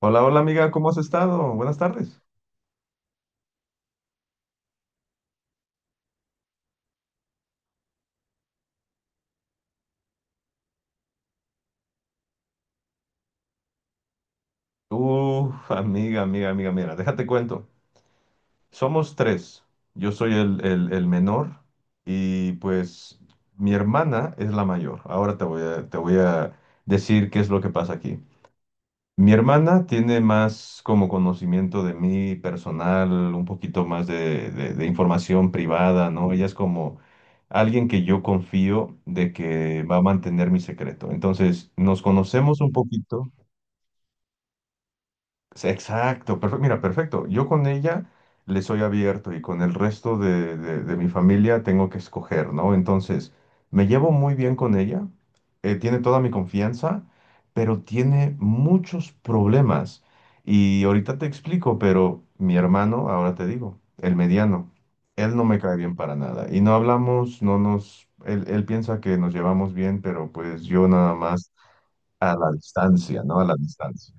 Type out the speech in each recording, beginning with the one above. Hola, hola amiga, ¿cómo has estado? Buenas tardes. Uf, amiga, amiga, amiga, mira, déjate cuento. Somos tres. Yo soy el menor y pues mi hermana es la mayor. Ahora te voy a decir qué es lo que pasa aquí. Mi hermana tiene más como conocimiento de mí personal, un poquito más de información privada, ¿no? Ella es como alguien que yo confío de que va a mantener mi secreto. Entonces, nos conocemos un poquito. Sí, exacto, perfecto. Mira, perfecto. Yo con ella le soy abierto y con el resto de mi familia tengo que escoger, ¿no? Entonces, me llevo muy bien con ella, tiene toda mi confianza, pero tiene muchos problemas. Y ahorita te explico, pero mi hermano, ahora te digo, el mediano, él no me cae bien para nada. Y no hablamos, no nos, él piensa que nos llevamos bien, pero pues yo nada más a la distancia, ¿no? A la distancia.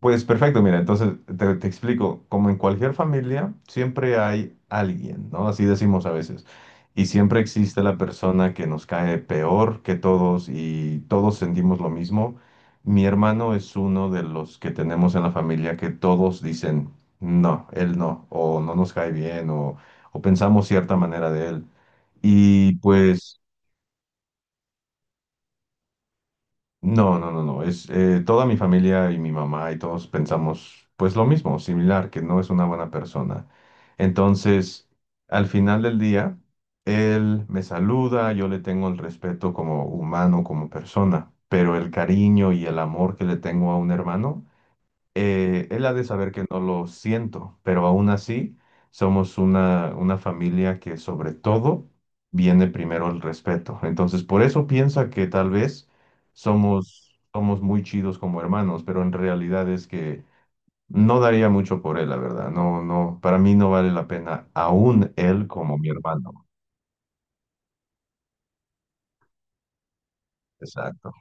Pues perfecto, mira, entonces te explico, como en cualquier familia, siempre hay alguien, ¿no? Así decimos a veces. Y siempre existe la persona que nos cae peor que todos y todos sentimos lo mismo. Mi hermano es uno de los que tenemos en la familia que todos dicen, no, él no, o no nos cae bien, o pensamos cierta manera de él. Y pues. No, no, no, no. Es toda mi familia y mi mamá y todos pensamos pues lo mismo, similar, que no es una buena persona. Entonces, al final del día, él me saluda, yo le tengo el respeto como humano, como persona, pero el cariño y el amor que le tengo a un hermano, él ha de saber que no lo siento, pero aún así somos una familia que sobre todo viene primero el respeto. Entonces, por eso piensa que tal vez somos muy chidos como hermanos, pero en realidad es que no daría mucho por él, la verdad. No, no, para mí no vale la pena aún él como mi hermano. Exacto.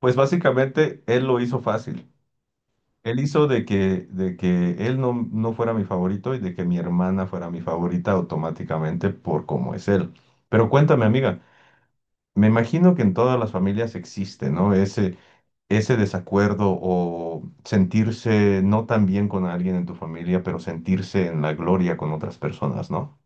Pues básicamente él lo hizo fácil. Él hizo de que él no fuera mi favorito y de que mi hermana fuera mi favorita automáticamente por cómo es él. Pero cuéntame, amiga, me imagino que en todas las familias existe, ¿no? Ese desacuerdo o sentirse no tan bien con alguien en tu familia, pero sentirse en la gloria con otras personas, ¿no?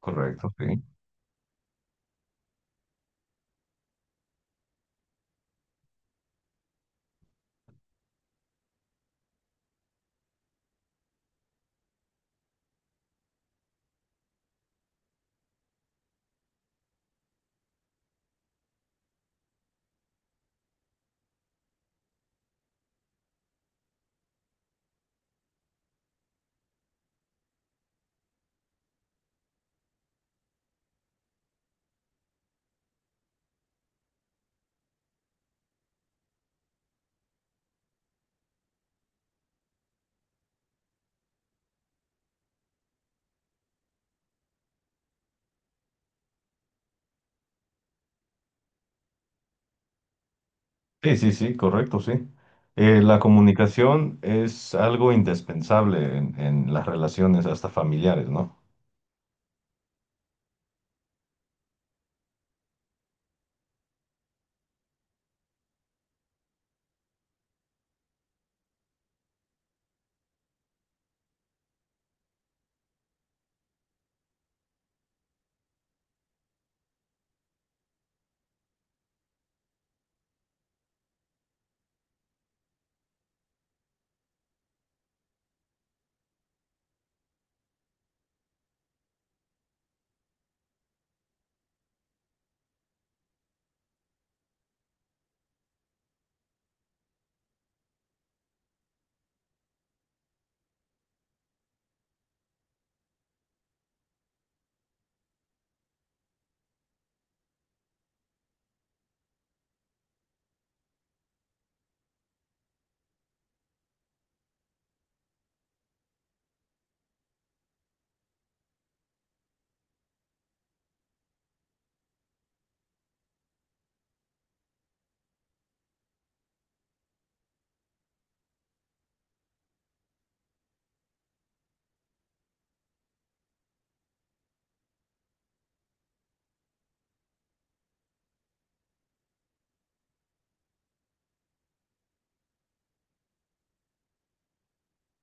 Correcto, sí. Sí, sí, sí, correcto, sí. La comunicación es algo indispensable en las relaciones hasta familiares, ¿no?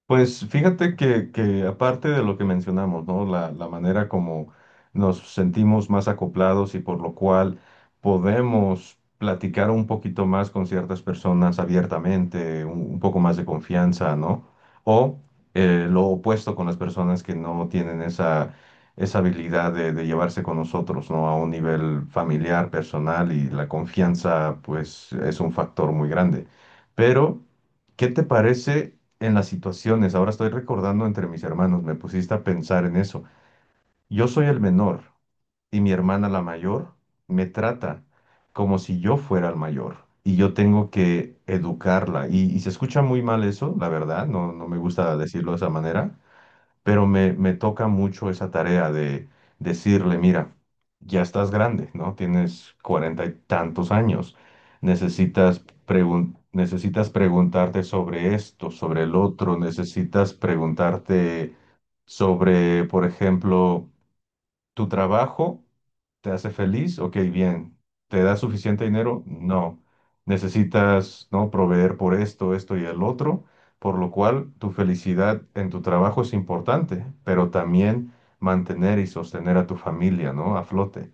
Pues fíjate que aparte de lo que mencionamos, ¿no? La manera como nos sentimos más acoplados y por lo cual podemos platicar un poquito más con ciertas personas abiertamente, un poco más de confianza, ¿no? O lo opuesto con las personas que no tienen esa, esa habilidad de llevarse con nosotros, ¿no? A un nivel familiar, personal y la confianza, pues, es un factor muy grande. Pero, ¿qué te parece? En las situaciones. Ahora estoy recordando entre mis hermanos, me pusiste a pensar en eso. Yo soy el menor y mi hermana la mayor me trata como si yo fuera el mayor y yo tengo que educarla. Y se escucha muy mal eso, la verdad, no, no me gusta decirlo de esa manera, pero me toca mucho esa tarea de decirle, mira, ya estás grande, ¿no? Tienes cuarenta y tantos años, necesitas necesitas preguntarte sobre esto, sobre el otro, necesitas preguntarte sobre, por ejemplo, tu trabajo. ¿Te hace feliz? Ok, bien. ¿Te da suficiente dinero? No. Necesitas, ¿no? proveer por esto, esto y el otro, por lo cual tu felicidad en tu trabajo es importante, pero también mantener y sostener a tu familia, ¿no? A flote.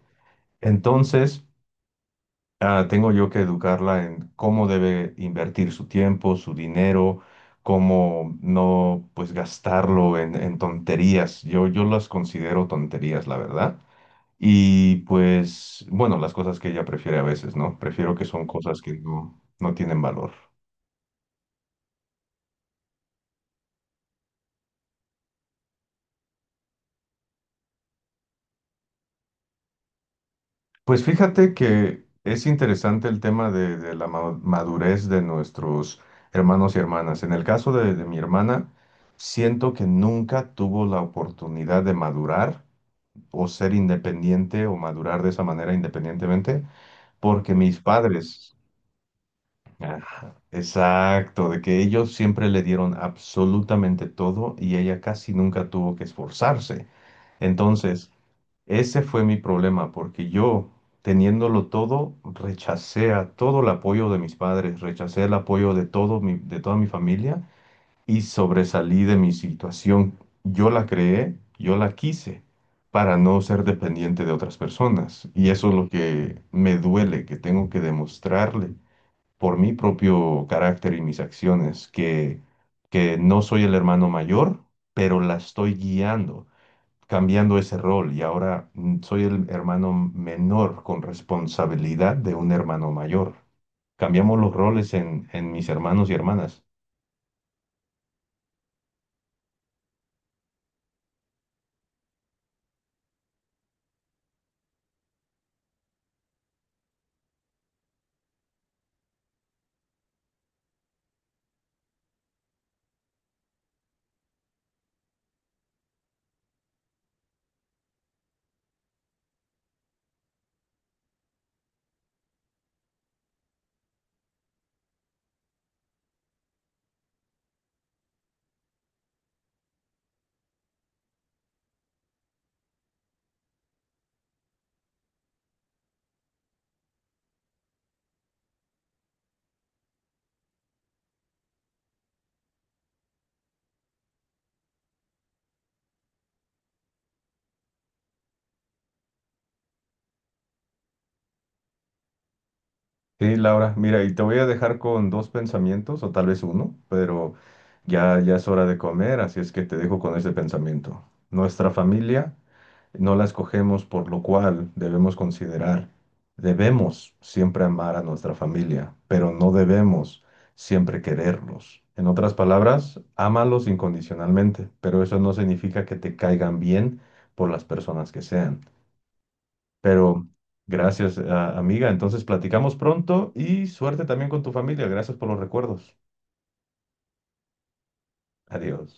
Entonces, ah, tengo yo que educarla en cómo debe invertir su tiempo, su dinero, cómo no, pues, gastarlo en tonterías. Yo las considero tonterías, la verdad y pues, bueno, las cosas que ella prefiere a veces, ¿no? Prefiero que son cosas que no tienen valor. Pues fíjate que es interesante el tema de la madurez de nuestros hermanos y hermanas. En el caso de mi hermana, siento que nunca tuvo la oportunidad de madurar o ser independiente o madurar de esa manera independientemente, porque mis padres. Ajá, exacto, de que ellos siempre le dieron absolutamente todo y ella casi nunca tuvo que esforzarse. Entonces, ese fue mi problema, porque yo, teniéndolo todo, rechacé a todo el apoyo de mis padres, rechacé el apoyo de de toda mi familia y sobresalí de mi situación. Yo la creé, yo la quise para no ser dependiente de otras personas. Y eso es lo que me duele, que tengo que demostrarle por mi propio carácter y mis acciones, que no soy el hermano mayor, pero la estoy guiando, cambiando ese rol y ahora soy el hermano menor con responsabilidad de un hermano mayor. Cambiamos los roles en mis hermanos y hermanas. Sí, Laura, mira, y te voy a dejar con dos pensamientos, o tal vez uno, pero ya, ya es hora de comer, así es que te dejo con ese pensamiento. Nuestra familia no la escogemos, por lo cual debemos considerar, debemos siempre amar a nuestra familia, pero no debemos siempre quererlos. En otras palabras, ámalos incondicionalmente, pero eso no significa que te caigan bien por las personas que sean. Pero gracias, amiga. Entonces platicamos pronto y suerte también con tu familia. Gracias por los recuerdos. Adiós.